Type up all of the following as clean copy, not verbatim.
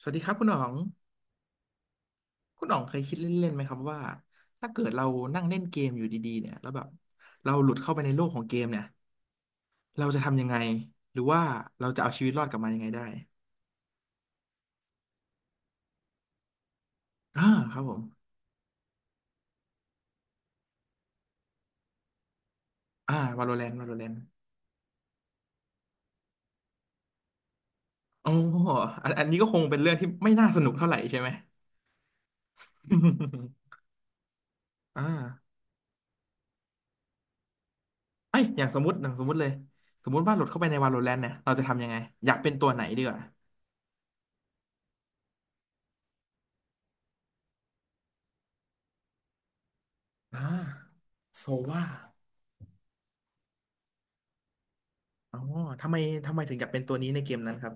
สวัสดีครับคุณหนองคุณหนองเคยคิดเล่นๆไหมครับว่าถ้าเกิดเรานั่งเล่นเกมอยู่ดีๆเนี่ยแล้วแบบเราหลุดเข้าไปในโลกของเกมเนี่ยเราจะทำยังไงหรือว่าเราจะเอาชีวิตรอดกลับมายังไงได้อ่าครับผมอ่า Valorant Valorant โอ้อันนี้ก็คงเป็นเรื่องที่ไม่น่าสนุกเท่าไหร่ใช่ไหม อ่าไอยอย่างสมมติอย่างสมมติเลยสมมติว่าหลุดเข้าไปใน Valorant เนี่ยเราจะทำยังไงอยากเป็นตัวไหนดีกว่าอ่าโซว่าอ๋อทำไมทำไมถึงอยากเป็นตัวนี้ในเกมนั้นครับ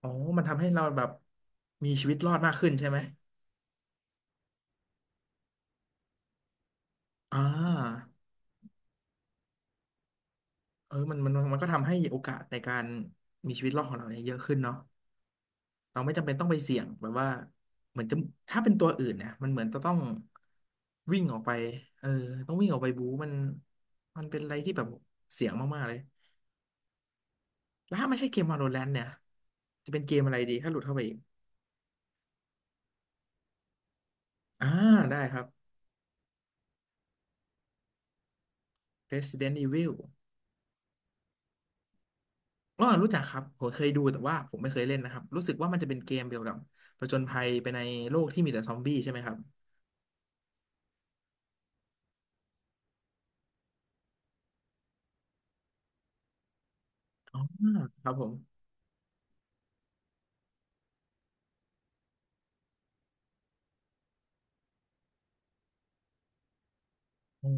อ๋อมันทำให้เราแบบมีชีวิตรอดมากขึ้นใช่ไหม อ่าเออมันก็ทำให้โอกาสในการมีชีวิตรอดของเราเนี่ยเยอะขึ้นเนาะเราไม่จำเป็นต้องไปเสี่ยงแบบว่าเหมือนจะถ้าเป็นตัวอื่นเนี่ยมันเหมือนจะต้องวิ่งออกไปเออต้องวิ่งออกไปบู๊มันมันเป็นอะไรที่แบบเสี่ยงมากๆเลยแล้วถ้าไม่ใช่เกม Valorant เนี่ยจะเป็นเกมอะไรดีถ้าหลุดเข้าไปอีกอ่าได้ครับ Resident Evil อ๋อรู้จักครับผมเคยดูแต่ว่าผมไม่เคยเล่นนะครับรู้สึกว่ามันจะเป็นเกมเกี่ยวกับผจญภัยไปในโลกที่มีแต่ซอมบี้ใช่ไหมครับอ๋อครับผมโอ้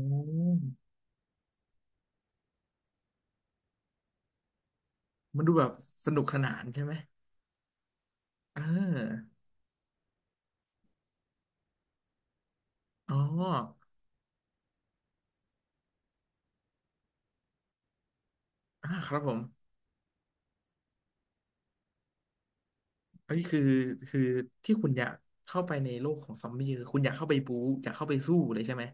มันดูแบบสนุกสนานใช่ไหมเอออ๋ออ่าครับผมเอ้ยคือที่คุณอยากเข้าไปในโลกของซอมบี้คือคุณอยากเข้าไปบู๊อยากเข้าไปสู้เลยใช่ไหม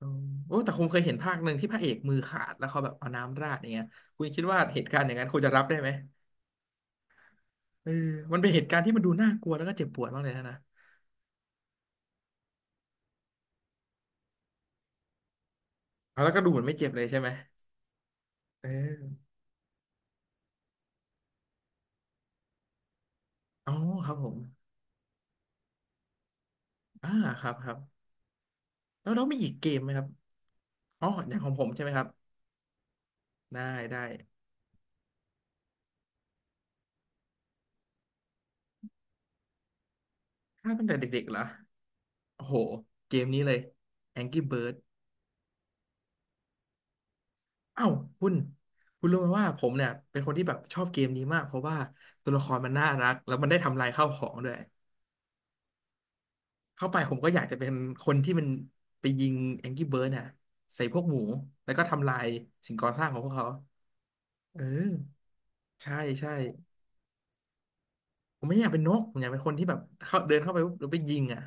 อ๋อโอ้แต่ผมเคยเห็นภาคหนึ่งที่พระเอกมือขาดแล้วเขาแบบเอาน้ำราดอย่างเงี้ยคุณคิดว่าเหตุการณ์อย่างนั้นคุณจะรับได้ไหมเออมันเป็นเหตุการณ์ที่มันดูน่ากลัวแล้วก็เจ็บปวดมากเลยนะนะ เอาแล้วก็ดูเหมือนไม่เจ็บเลยใช่ไหมเอออ๋อครับผมอ่าครับครับแล้วเลาวมีอีกเกมไหมครับอ๋ออย่างของผมใช่ไหมครับได้ได้ถ้าตั้งแต่เด็กๆเหรอโอ้โหเกมนี้เลย Angry Bird เอ้าคุณคุณรู้ไหมว่าผมเนี่ยเป็นคนที่แบบชอบเกมนี้มากเพราะว่าตัวละครมันน่ารักแล้วมันได้ทำลายข้าวของด้วยเข้าไปผมก็อยากจะเป็นคนที่มันไปยิง Angry Bird น่ะใส่พวกหมูแล้วก็ทำลายสิ่งก่อสร้างของพวกเขาเออใช่ใช่ ผมไม่อยากเป็นนกผมอยากเป็นคนที่แบบเข้าเดินเข้าไปปุ๊บแล้วไปยิงอ่ะ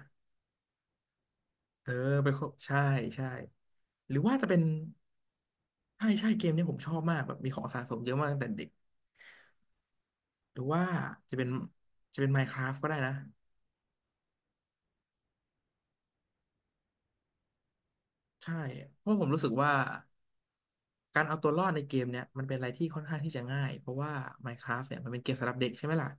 เออไปเข้าใช่ใช่หรือว่าจะเป็น ใช่ใช่เกมเนี้ยผมชอบมากแบบมีของสะสมเยอะมากตั้งแต่เด็ก หรือว่าจะเป็นMinecraft ก็ได้นะใช่เพราะผมรู้สึกว่าการเอาตัวรอดในเกมเนี้ยมันเป็นอะไรที่ค่อนข้างที่จะง่าย เพราะว่า Minecraft เนี่ยมันเป็นเกมสำหรับเด็กใช่ไหมล่ะ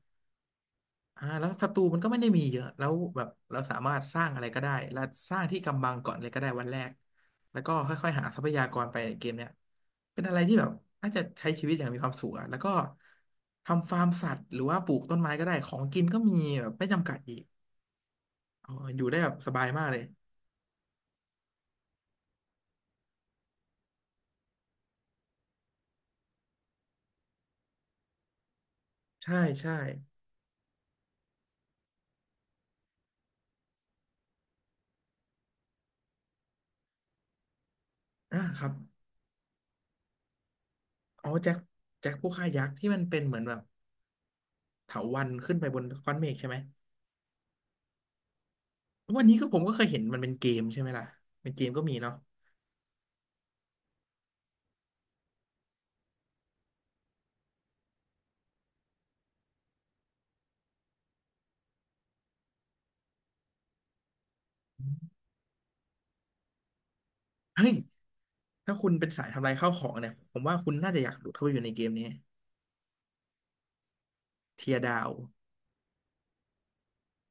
อ่าแล้วศัตรูมันก็ไม่ได้มีเยอะแล้วแบบเราสามารถสร้างอะไรก็ได้และสร้างที่กำบังก่อนเลยก็ได้วันแรกแล้วก็ค่อยๆหาทรัพยากรไปเกมเนี้ยเป็นอะไรที่แบบน่าจะใช้ชีวิตอย่างมีความสุขอะแล้วก็ทำฟาร์มสัตว์หรือว่าปลูกต้นไม้ก็ได้ของกินก็มีแบบไม่จำกัดอีกอ๋ออยู่ได้แบบสบายมากเลยใช่ใช่อ่าครับอ๋อแจ็คผู้ฆ่ายักษ์ที่มันเป็นเหมือนแบบเถาวัลย์ขึ้นไปบนก้อนเมฆใช่ไหมวันนี้ก็ผมก็เคยเห็นมันเป็นเกมใช่ไหมล่ะเป็นเกมก็มีเนาะเฮ้ย ถ้าคุณเป็นสายทำลายข้าวของเนี่ยผมว่าคุณน่าจะอยากหลุดเข้าไปอยู่ในเกมนี้เทียดาว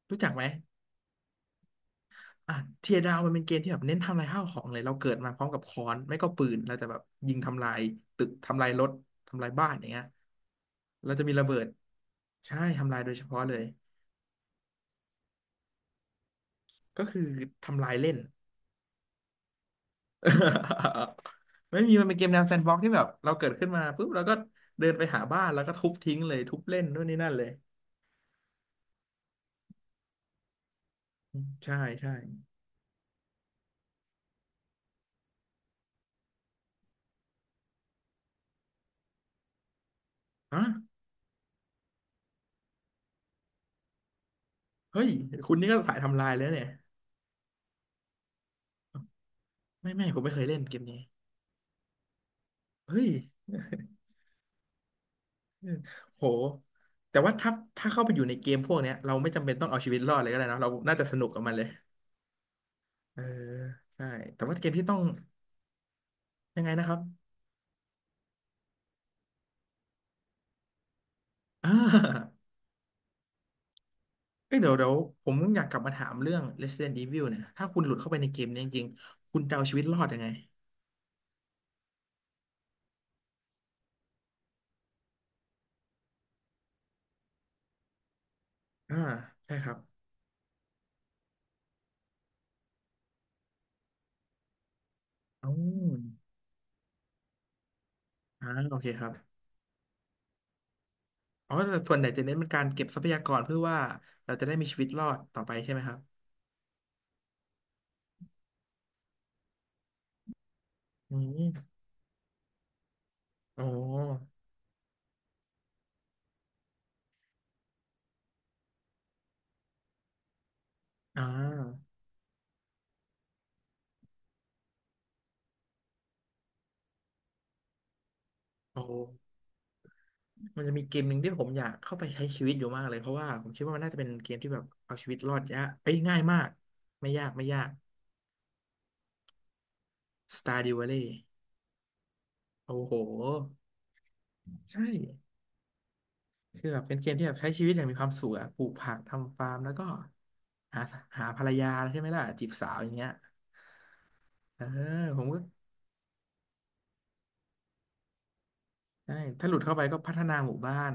รู้จักไหมอ่ะเทียดาวมันเป็นเกมที่แบบเน้นทำลายข้าวของเลยเราเกิดมาพร้อมกับค้อนไม่ก็ปืนเราจะแบบยิงทำลายตึกทำลายรถทำลายบ้านอย่างเงี้ยเราจะมีระเบิดใช่ทำลายโดยเฉพาะเลยก็คือทำลายเล่น ไม่มีมันเป็นเกมแนวแซนด์บ็อกซ์ที่แบบเราเกิดขึ้นมาปุ๊บเราก็เดินไปหาบ้านแล้วก็ทุบทิ้งเลยทุบเล่นนู่นนี่นั่นเลยใช่ใช่ฮะ เฮ้ย คุณนี่ก็สายทำลายแล้วเนี่ย ไม่ไม่ผมไม่เคยเล่นเกมนี้ เฮ้ย โห แต่ว่าถ้าเข้าไปอยู่ในเกมพวกเนี้ยเราไม่จำเป็นต้องเอาชีวิตรอดเลยก็ได้เนอะเราน่าจะสนุกกับมันเลย เออใช่แต่ว่าเกมที่ต้องยังไงนะครับอ่า เอ้ยเดี๋ยวผมอยากกลับมาถามเรื่อง Resident Evil เนี่ย ถ้าคุณหลุดเข้าไปในเกมเนี้จริงๆคุณจะเอาชีวิตรอดยังไงอ่าใช่ครับอ๋ออ่าโอเคครับอ๋อแต่ส่วนใหญ่จะเน้นเป็นการเก็บทรัพยากรเพื่อว่าเราจะได้มีชีวิตรอดต่อไปใช่ไหมครับ อืมอ๋ออ่าโอ้มันจะมีเกมหนึ่งที่ผมอยากเข้าไปใช้ชีวิตอยู่มากเลยเพราะว่าผมคิดว่ามันน่าจะเป็นเกมที่แบบเอาชีวิตรอดยากเอ้ยง่ายมาก ไม่ยากไม่ยาก Stardew Valley โอ้โหใช่คือแบบเป็นเกมที่แบบใช้ชีวิตอย่างมีความสุขอะปลูกผักทำฟาร์มแล้วก็หาหาภรรยาใช่ไหมล่ะจีบสาวอย่างเงี้ยเออผมก็ใช่ถ้าหลุดเข้าไปก็พัฒนาหมู่บ้าน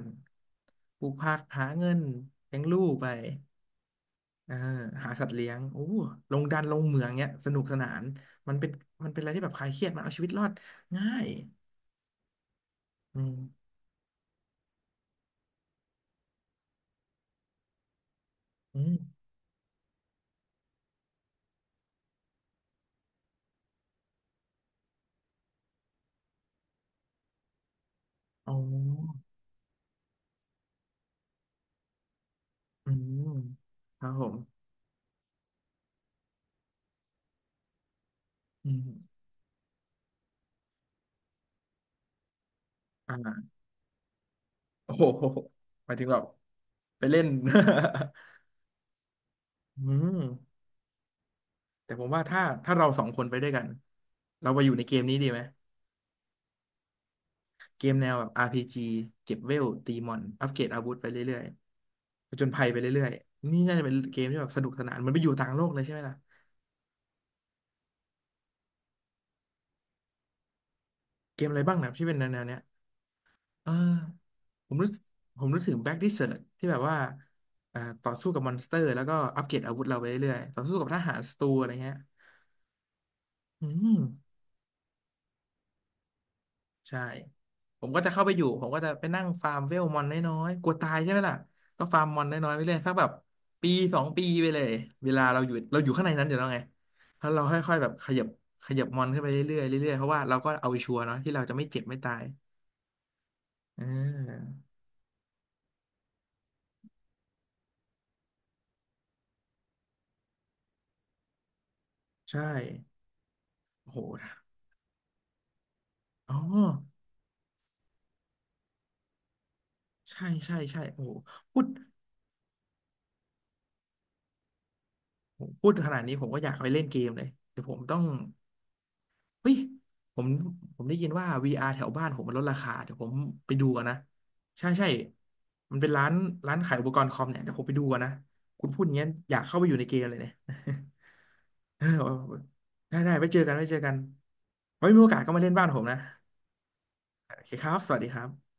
ปลูกผักหาเงินเลี้ยงลูกไป เออหาสัตว์เลี้ยงโอ้ลงดันลงเหมืองเนี้ยสนุกสนานมันเป็นมันเป็นอะไรที่แบบคลายเครียดมันเอาชีวิตรอดง่ายอืมอืมอ๋ออืมครับผมอืมอ่าโอ้โหหมายถึงแบบไปเล่น อืมแต่ผมว่าถ้าเราสองคนไปด้วยกันเราไปอยู่ในเกมนี้ดีไหมเกมแนวแบบ RPG เก็บเวลตีมอนอัปเกรดอาวุธไปเรื่อยๆผจญภัยไปเรื่อยๆนี่น่าจะเป็นเกมที่แบบสนุกสนานเหมันไปอยู่ต่างโลกเลยใช่ไหมล่ะ เกมอะไรบ้างนะที่เป็นแนวๆเนี้ยเออผมรู้สึกผมรู้สึกแบ็กดิเซิร์ตที่แบบว่าอ่าต่อสู้กับมอนสเตอร์แล้วก็อัปเกรดอาวุธเราไปเรื่อยๆต่อสู้กับทหารศัตรูอะไรเงี้ยอืมใช่ ผมก็จะเข้าไปอยู่ผมก็จะไปนั่งฟาร์มเวลมอนน้อยๆกลัวตายใช่ไหมล่ะก็ฟาร์มมอนน้อยๆไปเรื่อยสักแบบปีสองปีไปเลยเวลาเราอยู่ข้างในนั้นอยู่แล้วไงแล้วเราค่อยๆแบบขยับขยับมอนขึ้นไปเรื่อยๆเรื่อยๆเพราะว่าเราก็เอาชัวร์เนาะที่เราจะไม่เจ็บไม่ตายอ่าใช่โห อ๋อใช่ใช่ใช่โอ้โหพูดขนาดนี้ผมก็อยากไปเล่นเกมเลยเดี๋ยวผมต้องเฮ้ยผมผมได้ยินว่า VR แถวบ้านผมมันลดราคาเดี๋ยวผมไปดูกันนะใช่ใช่มันเป็นร้านขายอุปกรณ์คอมเนี่ยเดี๋ยวผมไปดูกันนะคุณพูดอย่างนี้ยอยากเข้าไปอยู่ในเกมเลยเนี่ย เออได้ได้ไว้เจอกันไว้มีโอกาสก็มาเล่นบ้านผมนะโอเคครับสวัสดีครับ